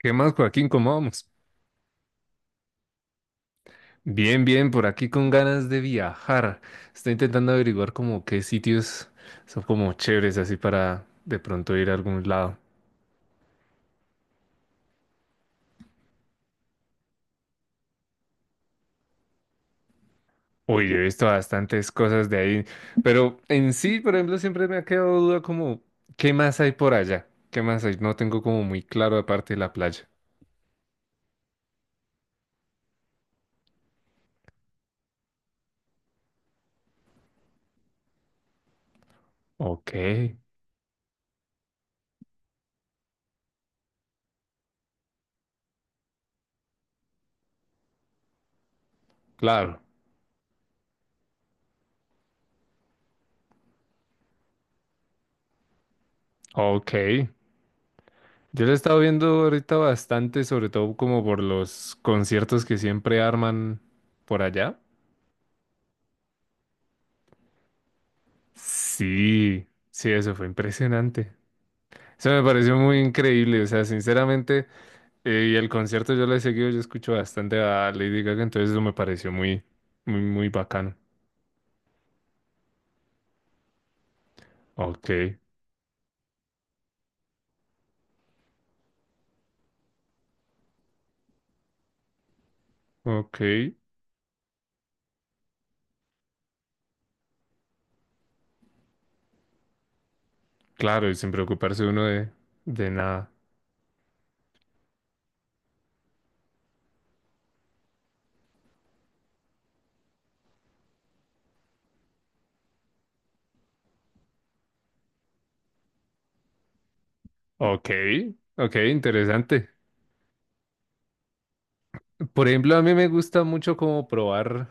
¿Qué más, Joaquín? ¿Cómo vamos? Bien, bien, por aquí con ganas de viajar. Estoy intentando averiguar como qué sitios son como chéveres así para de pronto ir a algún lado. Uy, yo he visto bastantes cosas de ahí, pero en sí, por ejemplo, siempre me ha quedado duda como ¿qué más hay por allá? ¿Qué más hay? No tengo como muy claro aparte de la playa. Ok, claro. Ok. Yo lo he estado viendo ahorita bastante, sobre todo como por los conciertos que siempre arman por allá. Sí, sí, eso fue impresionante. Eso me pareció muy increíble, o sea, sinceramente, y el concierto yo lo he seguido, yo escucho bastante a Lady Gaga, entonces eso me pareció muy, muy, muy bacano. Ok, ok, claro, y sin preocuparse uno de nada. Ok, ok, interesante. Por ejemplo, a mí me gusta mucho como probar,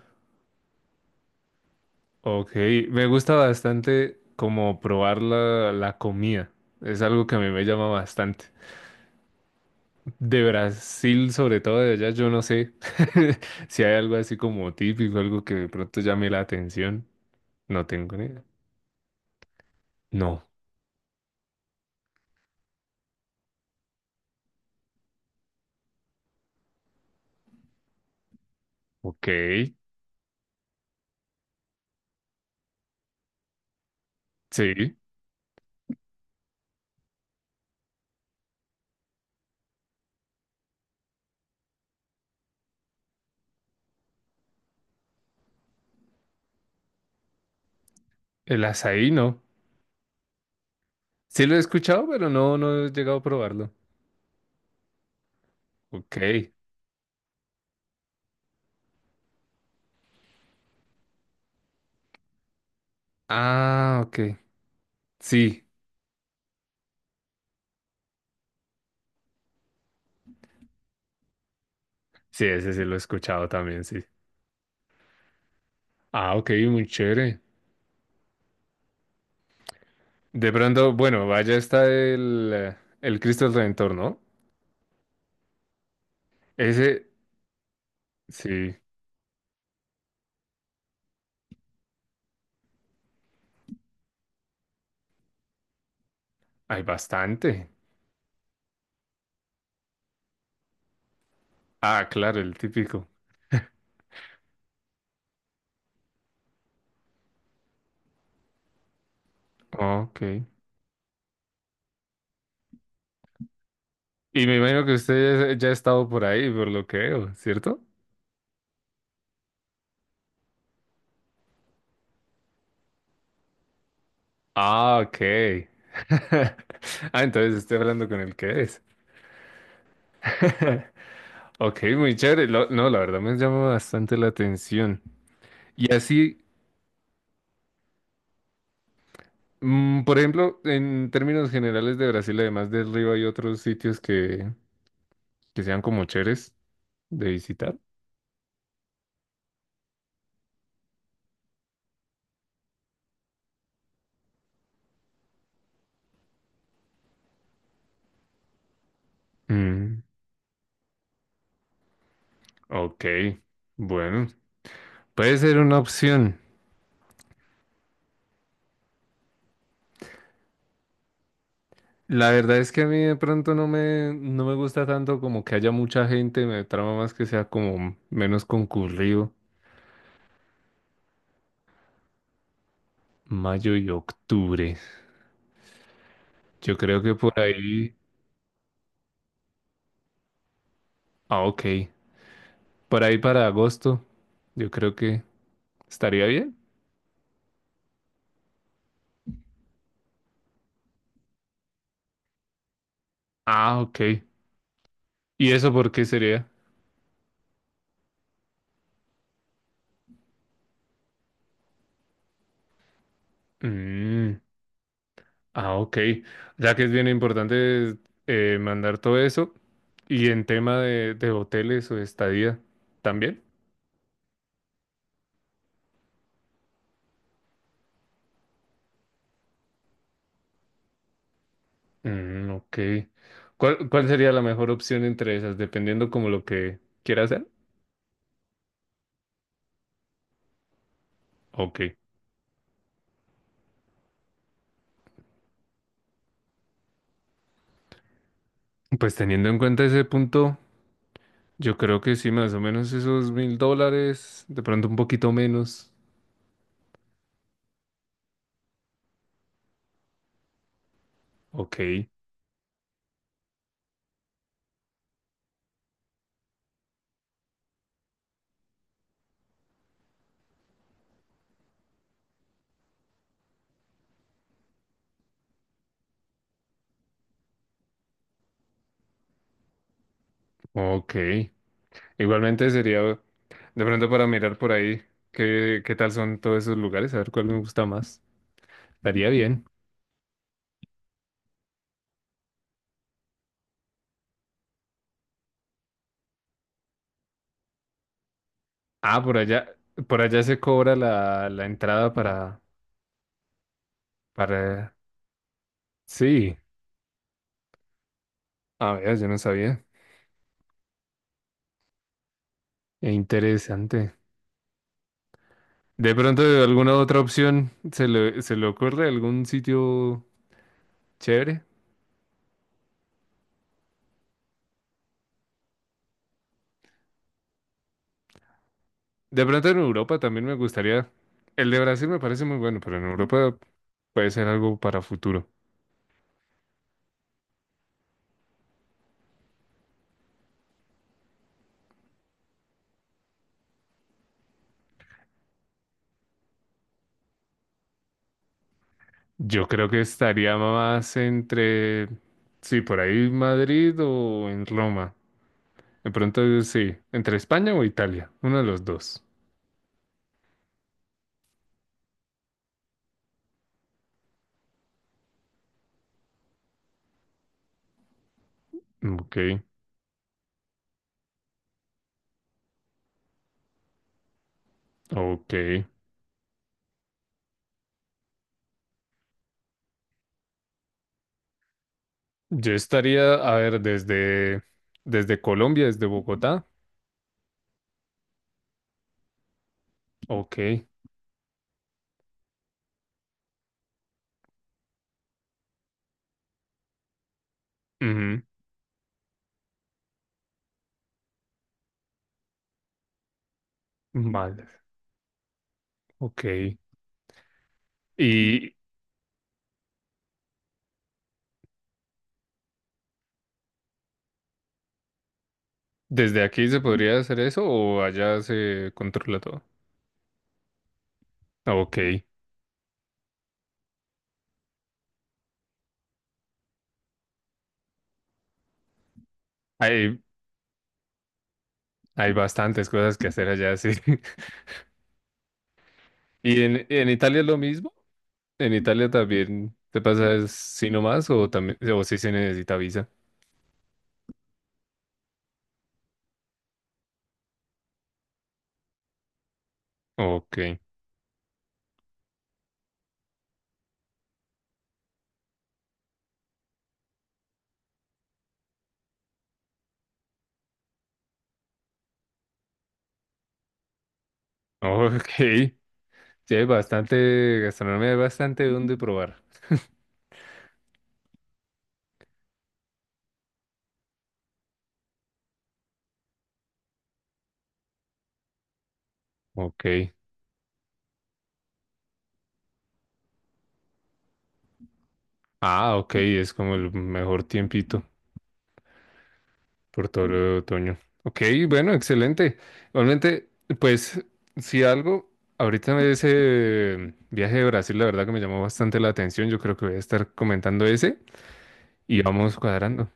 ok, me gusta bastante como probar la comida, es algo que a mí me llama bastante. De Brasil, sobre todo de allá, yo no sé si hay algo así como típico, algo que de pronto llame la atención. No tengo ni idea. No. Ok. Sí. El azaí no. Sí lo he escuchado, pero no, no he llegado a probarlo. Ok. Ah, ok. Sí. Sí, ese sí lo he escuchado también, sí. Ah, ok, muy chévere. De pronto, bueno, vaya está el Cristo del Redentor, ¿no? Ese, sí, hay bastante. Ah, claro, el típico. Ah, ok. Y me imagino que usted ya ha estado por ahí, por lo que veo, ¿cierto? Ah, ok. Ah, entonces estoy hablando con el que es. Ok, muy chévere. No, la verdad me llama bastante la atención. Y así, por ejemplo, en términos generales de Brasil, además del río, hay otros sitios que sean como chéveres de visitar. Mm, ok, bueno, puede ser una opción. La verdad es que a mí de pronto no me gusta tanto como que haya mucha gente, me trama más que sea como menos concurrido. Mayo y octubre. Yo creo que por ahí, ah, ok, por ahí para agosto, yo creo que estaría bien. Ah, ok. ¿Y eso por qué sería? Mm, ah, ok. Ya que es bien importante mandar todo eso y en tema de hoteles o estadía también. Mm, ok. ¿Cuál sería la mejor opción entre esas, dependiendo como lo que quiera hacer? Ok. Pues teniendo en cuenta ese punto, yo creo que sí, más o menos esos $1.000, de pronto un poquito menos. Ok, ok. Igualmente sería de pronto para mirar por ahí qué tal son todos esos lugares, a ver cuál me gusta más. Estaría bien. Ah, por allá se cobra la entrada para, para. Sí. A ver, yo no sabía. Interesante. De pronto, alguna otra opción se le ocurre algún sitio chévere. De pronto en Europa también me gustaría. El de Brasil me parece muy bueno, pero en Europa puede ser algo para futuro. Yo creo que estaría más entre, sí, por ahí Madrid o en Roma. De pronto, sí, entre España o Italia, uno de los dos. Ok, ok. Yo estaría, a ver, desde Colombia, desde Bogotá. Ok. Ujú, vale. Ok. ¿Y desde aquí se podría hacer eso o allá se controla todo? Ah, ok. Hay, hay bastantes cosas que hacer allá, sí. ¿Y en Italia es lo mismo? ¿En Italia también te pasa así nomás o también o sí se necesita visa? Ok. Ok. Sí, hay bastante gastronomía, hay bastante donde probar. Ok. Ah, ok, es como el mejor tiempito. Por todo el otoño. Ok, bueno, excelente. Igualmente, pues, si algo, ahorita ese viaje de Brasil, la verdad que me llamó bastante la atención. Yo creo que voy a estar comentando ese y vamos cuadrando.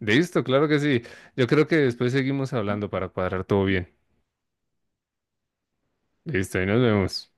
Listo, claro que sí. Yo creo que después seguimos hablando para cuadrar todo bien. Listo, y nos vemos.